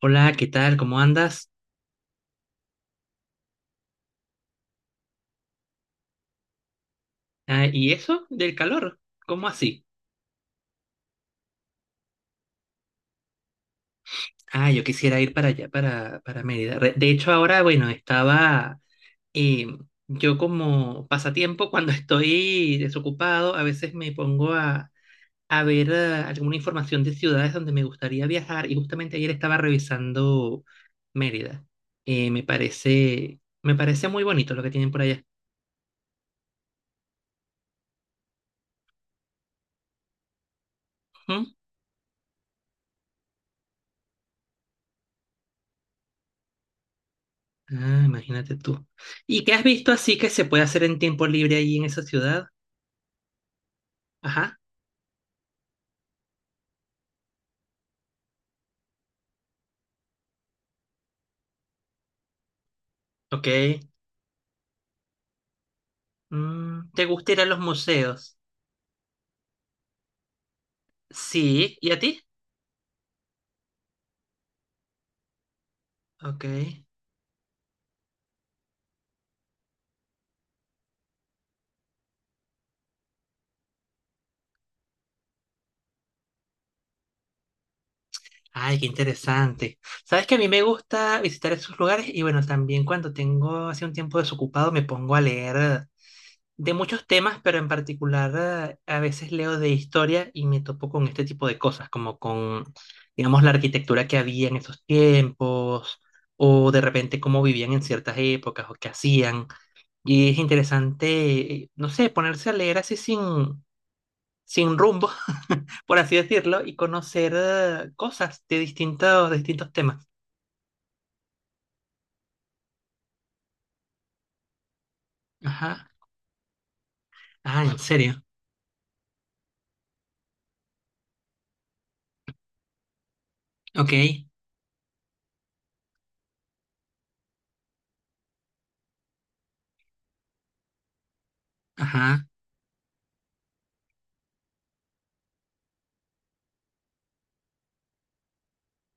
Hola, ¿qué tal? ¿Cómo andas? Ah, ¿y eso del calor? ¿Cómo así? Ah, yo quisiera ir para allá, para Mérida. De hecho, ahora, bueno, estaba eh, yo como pasatiempo, cuando estoy desocupado, a veces a ver alguna información de ciudades donde me gustaría viajar y justamente ayer estaba revisando Mérida. Me parece muy bonito lo que tienen por allá. Ujú. Ah, imagínate tú. ¿Y qué has visto así que se puede hacer en tiempo libre ahí en esa ciudad? Ajá, ok. Mm, ¿te gusta ir a los museos? Sí, ¿y a ti? Ok. Ay, qué interesante. Sabes que a mí me gusta visitar esos lugares y bueno, también cuando tengo así un tiempo desocupado me pongo a leer de muchos temas, pero en particular a veces leo de historia y me topo con este tipo de cosas, digamos, la arquitectura que había en esos tiempos o de repente cómo vivían en ciertas épocas o qué hacían. Y es interesante, no sé, ponerse a leer así sin, sin rumbo, por así decirlo, y conocer cosas de distintos temas. Ajá. Ah, en serio. Ok. Ajá.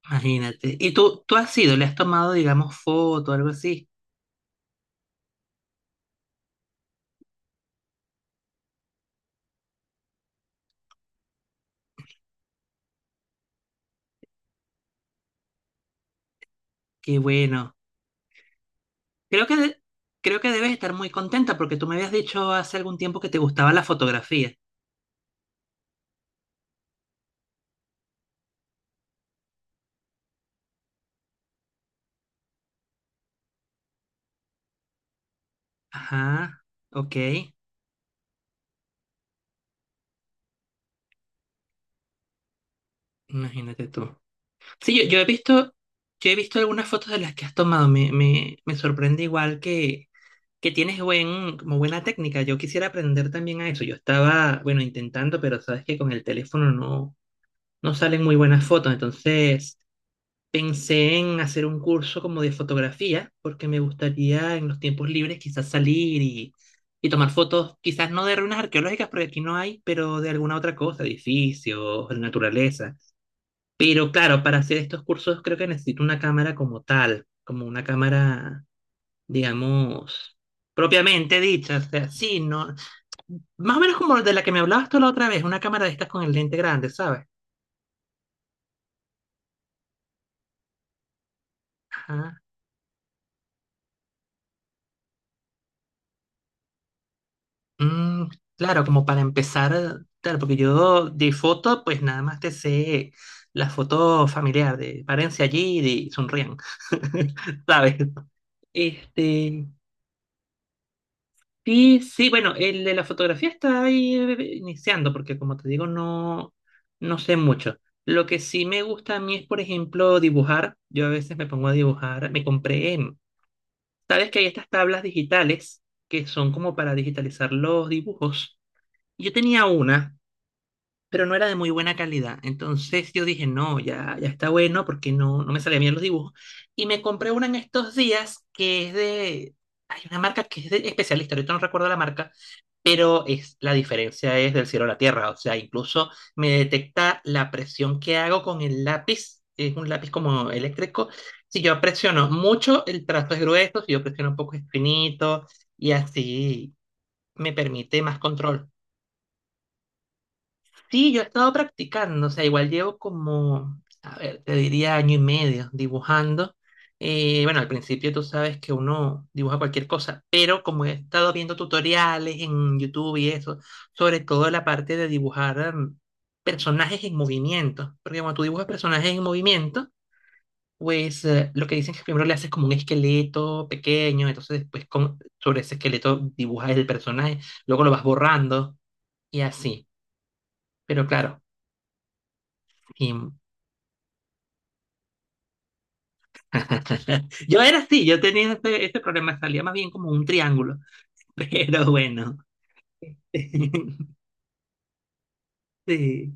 Imagínate. ¿Y tú has ido, le has tomado, digamos, foto o algo así? Qué bueno. Creo que, de- Creo que debes estar muy contenta porque tú me habías dicho hace algún tiempo que te gustaba la fotografía. Ajá. Ok. Imagínate tú. Sí, yo he visto algunas fotos de las que has tomado. Me sorprende igual que tienes buena técnica. Yo quisiera aprender también a eso. Yo estaba, bueno, intentando, pero sabes que con el teléfono no, no salen muy buenas fotos. Entonces pensé en hacer un curso como de fotografía, porque me gustaría en los tiempos libres quizás y tomar fotos, quizás no de ruinas arqueológicas, porque aquí no hay, pero de alguna otra cosa, edificios, naturaleza. Pero claro, para hacer estos cursos creo que necesito una cámara como tal, digamos, propiamente dicha. O sea, sí, no, más o menos como de la que me hablabas tú la otra vez, una cámara de estas con el lente grande, ¿sabes? Ajá. Mm, claro, como para empezar, claro, porque yo de foto, pues nada más te sé la foto familiar de párense allí y sonrían, ¿sabes? Este, sí, sí, bueno, el de la fotografía está ahí iniciando, porque como te digo, no, no sé mucho. Lo que sí me gusta a mí es, por ejemplo, dibujar. Yo a veces me pongo a dibujar, me compré, sabes que hay estas tablas digitales que son como para digitalizar los dibujos. Yo tenía una pero no era de muy buena calidad. Entonces yo dije, no, ya, ya está bueno porque no me salían bien los dibujos. Y me compré una en estos días hay una marca que es de especialista, ahorita no recuerdo la marca, pero es, la diferencia es del cielo a la tierra. O sea, incluso me detecta la presión que hago con el lápiz. Es un lápiz como eléctrico. Si yo presiono mucho, el trazo es grueso. Si yo presiono un poco, es finito. Y así me permite más control. Sí, yo he estado practicando, o sea, igual llevo como, a ver, te diría año y medio dibujando. Bueno, al principio tú sabes que uno dibuja cualquier cosa, pero como he estado viendo tutoriales en YouTube y eso, sobre todo la parte de dibujar personajes en movimiento, porque cuando tú dibujas personajes en movimiento, pues lo que dicen es que primero le haces como un esqueleto pequeño, entonces sobre ese esqueleto dibujas el personaje, luego lo vas borrando y así. Pero claro. Sí, yo era así, yo tenía ese problema, salía más bien como un triángulo, pero bueno. Sí.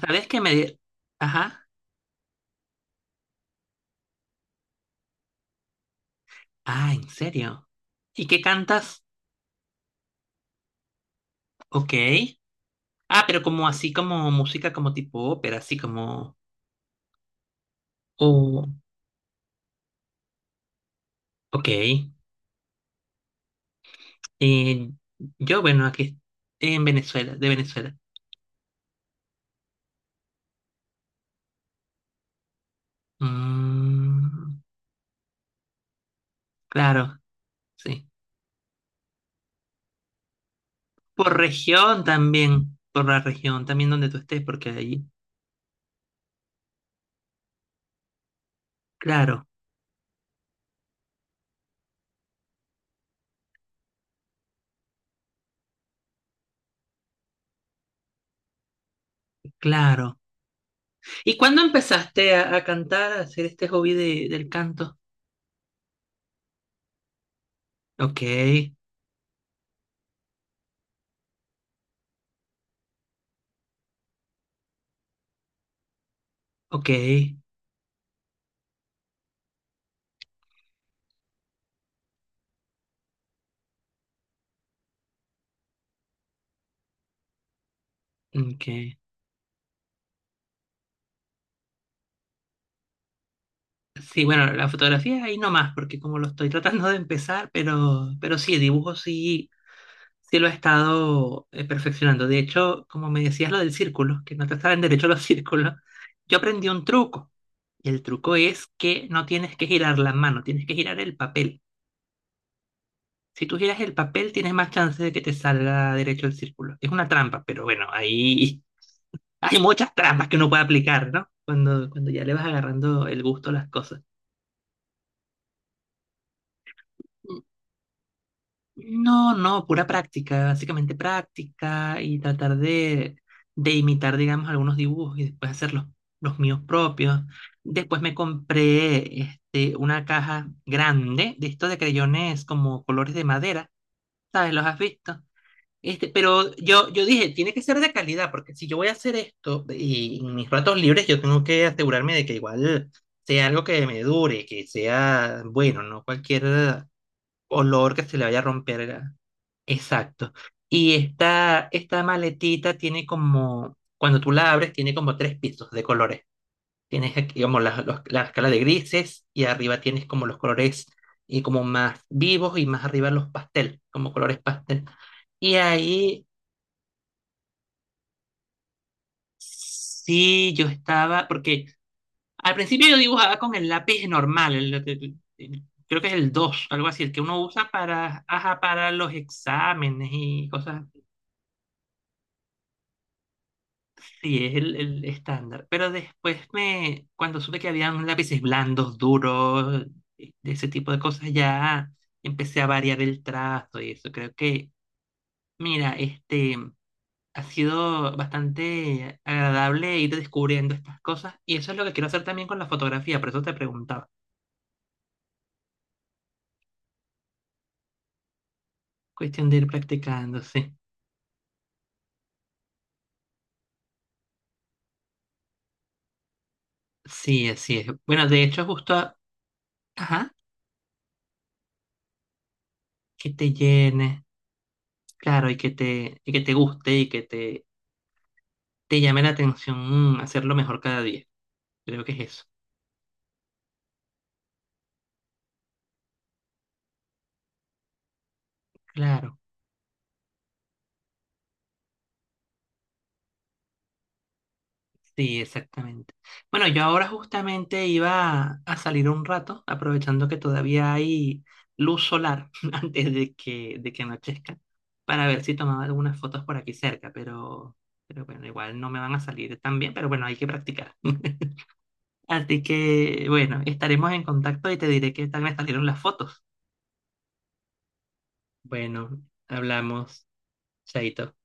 ¿Sabes qué me... di- Ajá. Ah, ¿en serio? ¿Y qué cantas? Ok. Ah, pero como así, como música, como tipo ópera, así como... Oh, ok. Eh, yo, bueno, aquí en Venezuela, de Venezuela. Mm, claro, sí. Por región también, por la región también donde tú estés, porque ahí... Claro. Claro. ¿Y cuándo empezaste a cantar, a hacer este hobby del canto? Ok, ok, ok. Sí, bueno, la fotografía ahí nomás, porque como lo estoy tratando de empezar, pero sí, dibujo sí, sí lo he estado perfeccionando. De hecho, como me decías lo del círculo, que no te saben derecho los círculos, yo aprendí un truco. Y el truco es que no tienes que girar la mano, tienes que girar el papel. Si tú giras el papel, tienes más chance de que te salga derecho el círculo. Es una trampa, pero bueno, ahí hay muchas trampas que uno puede aplicar, ¿no? Cuando ya le vas agarrando el gusto a las cosas. No, no, pura práctica, básicamente práctica y de imitar, digamos, algunos dibujos y después hacer los míos propios. Después me compré este, una caja grande de estos de creyones como colores de madera, ¿sabes? ¿Los has visto? Este, pero yo dije, tiene que ser de calidad, porque si yo voy a hacer esto y en mis ratos libres, yo tengo que asegurarme de que igual sea algo que me dure, que sea bueno, no cualquier olor que se le vaya a romper. Exacto. Y esta maletita tiene como, cuando tú la abres, tiene como tres pisos de colores. Tienes aquí como la escala de grises y arriba tienes como los colores y como más vivos y más arriba los pastel, como colores pastel. Y ahí sí, yo estaba, porque al principio yo dibujaba con el lápiz normal, creo que es el 2, algo así, el que uno usa para, ajá, para los exámenes y cosas. Sí, es el estándar. Pero cuando supe que habían lápices blandos, duros, de ese tipo de cosas, ya empecé a variar el trazo y eso. Mira, este... Ha sido bastante agradable ir descubriendo estas cosas y eso es lo que quiero hacer también con la fotografía, por eso te preguntaba. Cuestión de ir practicando, sí. Sí, así es. Bueno, de hecho, justo, a- Ajá, que te llene, claro, y que te guste y te llame la atención hacerlo mejor cada día. Creo que es eso. Claro. Sí, exactamente. Bueno, yo ahora justamente iba a salir un rato, aprovechando que todavía hay luz solar antes de de que anochezca, para ver si tomaba algunas fotos por aquí cerca, pero bueno, igual no me van a salir tan bien, pero bueno, hay que practicar. Así que, bueno, estaremos en contacto y te diré qué tal me salieron las fotos. Bueno, hablamos, chaito.